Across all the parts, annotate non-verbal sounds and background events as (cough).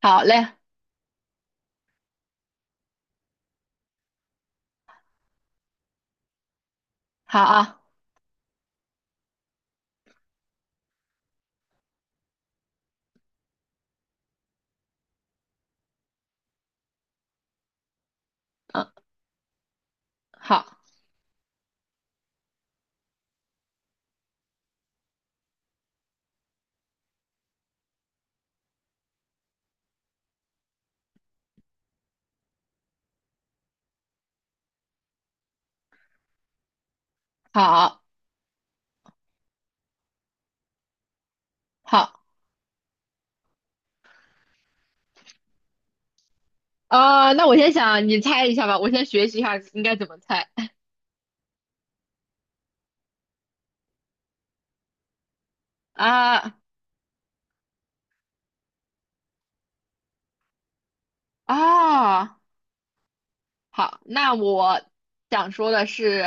好嘞。好啊。嗯。好。好。好。啊，那我先想，你猜一下吧，我先学习一下应该怎么猜。啊。啊。好，那我想说的是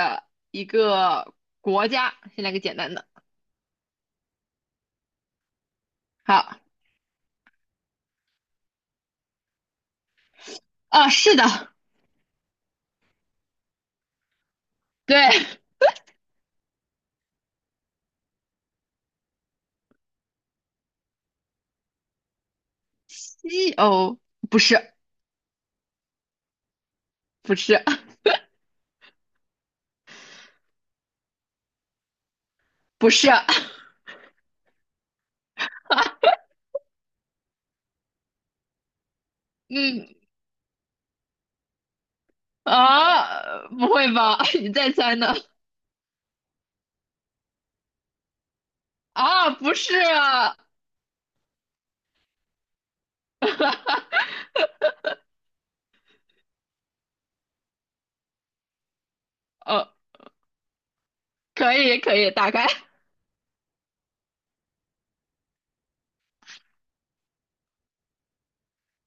一个国家，先来个简单的。好。啊，是的。对。西欧，不是。不是。不是。嗯。啊，不会吧，(laughs) 你再猜呢？啊，不是啊。(laughs) 哦，可以，可以，打开。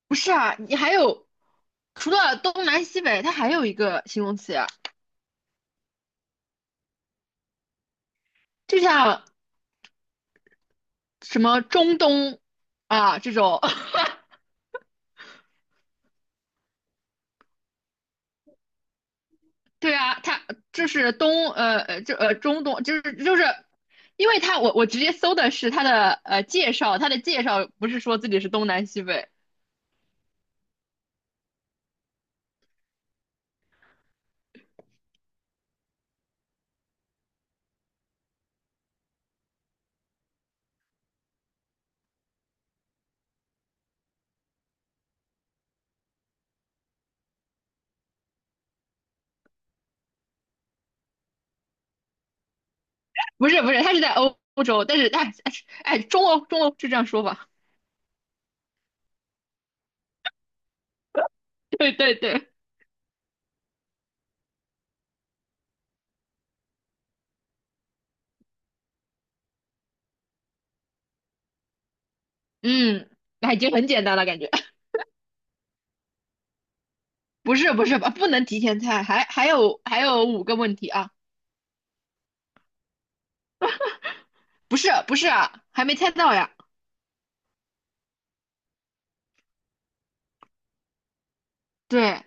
不是啊，你还有除了东南西北，它还有一个形容词，就像什么中东啊这种。(laughs) 对啊。它就是中东，就是，因为它我直接搜的是它的介绍，它的介绍不是说自己是东南西北。不是不是，它是在欧洲，但是哎。 (laughs) 哎，中欧是这样说吧？(laughs) 对对对。嗯。那已经很简单了感觉。(laughs) 不是不是吧？不能提前猜，还有五个问题啊。不是不是啊，还没猜到呀。对。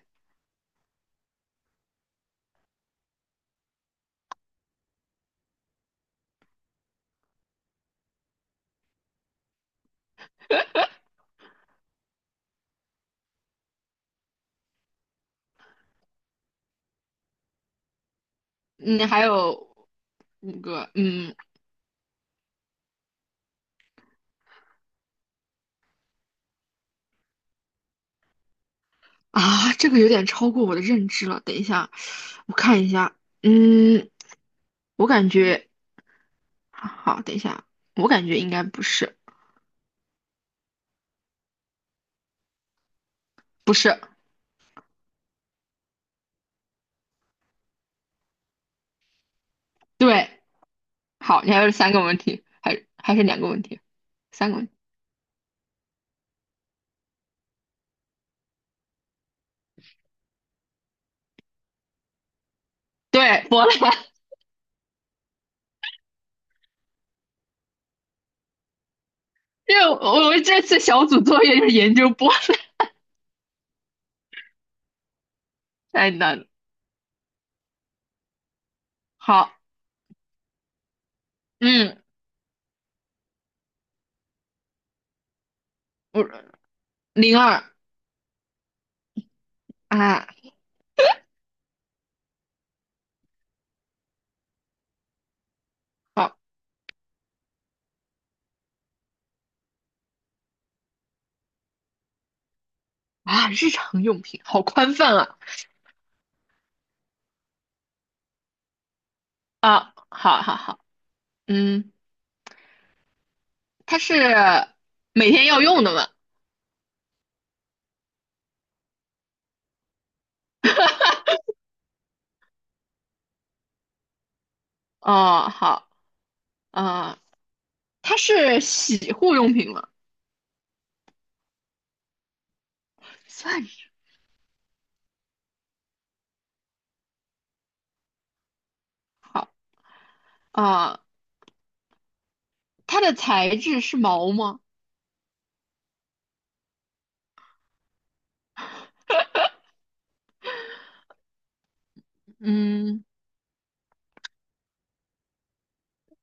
嗯。还有五个。这个有点超过我的认知了。等一下，我看一下。嗯。我感觉好，等一下，我感觉应该不是。不是。对。好，你还有三个问题，还是两个问题。三个问题。对，波兰。(laughs) 因为我这次小组作业就是研究波兰。太难了。好。嗯，我02。啊。好啊，日常用品，好宽泛啊。啊，好好好。嗯。它是每天要用的吗？哦，好。啊，它是洗护用品吗？(laughs) 算是。好啊，它的材质是毛吗？嗯，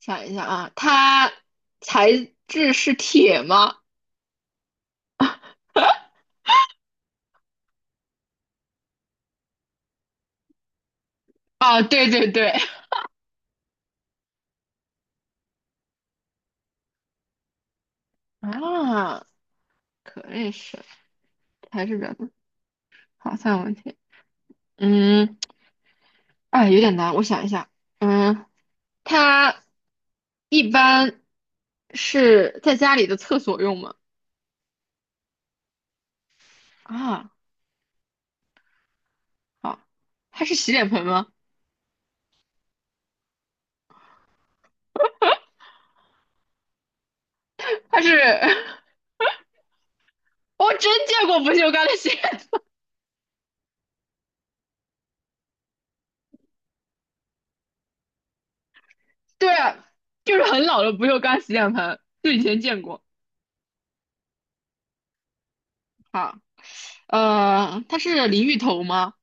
想一下啊。它材质是铁吗？啊，对对对。啊，可以是，材质比较多。好，三个问题。嗯。哎，有点难，我想一下。嗯。它一般是在家里的厕所用吗？啊，好。它是洗脸盆吗？它是。(laughs) 我真见过不锈钢的洗脸盆。 (laughs) 对啊，就是很老的不锈钢洗脸盆，就以前见过。好。它是淋浴头吗？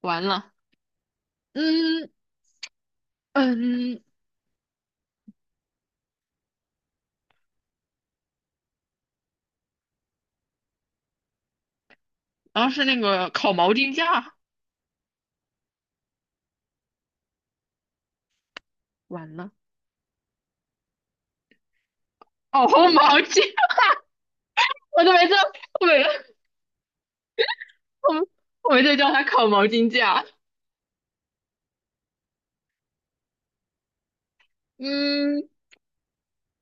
完了。嗯嗯。然后是那个烤毛巾架。完了。哦，烘毛巾。(laughs) 我都没叫。我没，我我没在叫它烤毛巾架。嗯。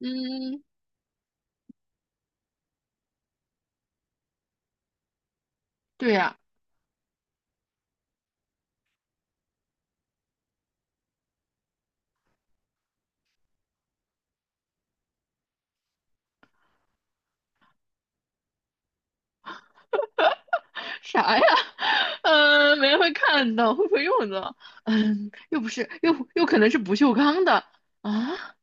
嗯。对呀。啥呀？(laughs) 没人会看到，会不会用的？嗯，又不是，又可能是不锈钢的啊！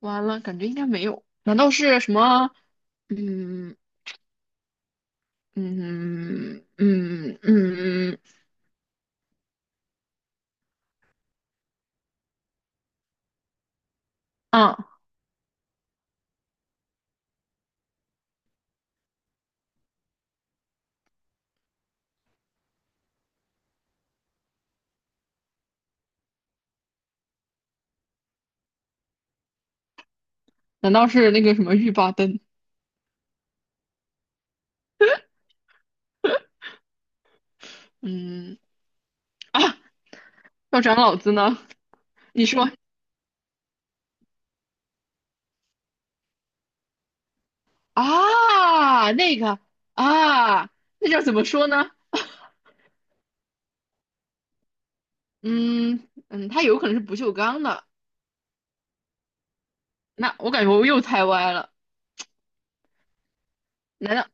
完了，感觉应该没有。难道是什么？嗯嗯嗯嗯嗯。啊？难道是那个什么浴霸灯？嗯。啊，要长老子呢？你说。啊，那个。啊，那叫怎么说呢？嗯，它有可能是不锈钢的。那我感觉我又猜歪了。难道？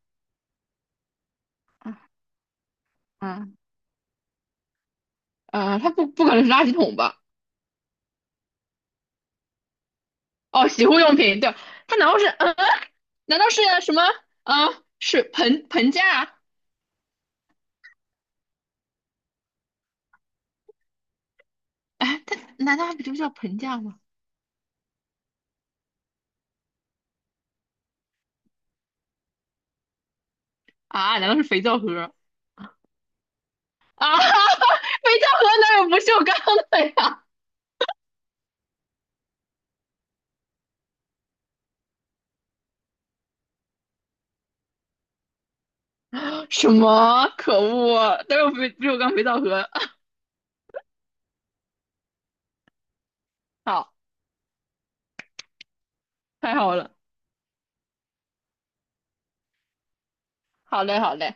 啊。啊。啊？它不可能是垃圾桶吧？哦，洗护用品。对。它难道是嗯？难道是什么？啊，是盆架啊？哎，它难道不就叫盆架吗？啊，难道是肥皂盒？啊，(laughs) 肥皂盒哪有不锈钢的呀？什么？可恶，哪有不锈钢肥皂盒？(laughs) 好，太好了。好嘞，好嘞。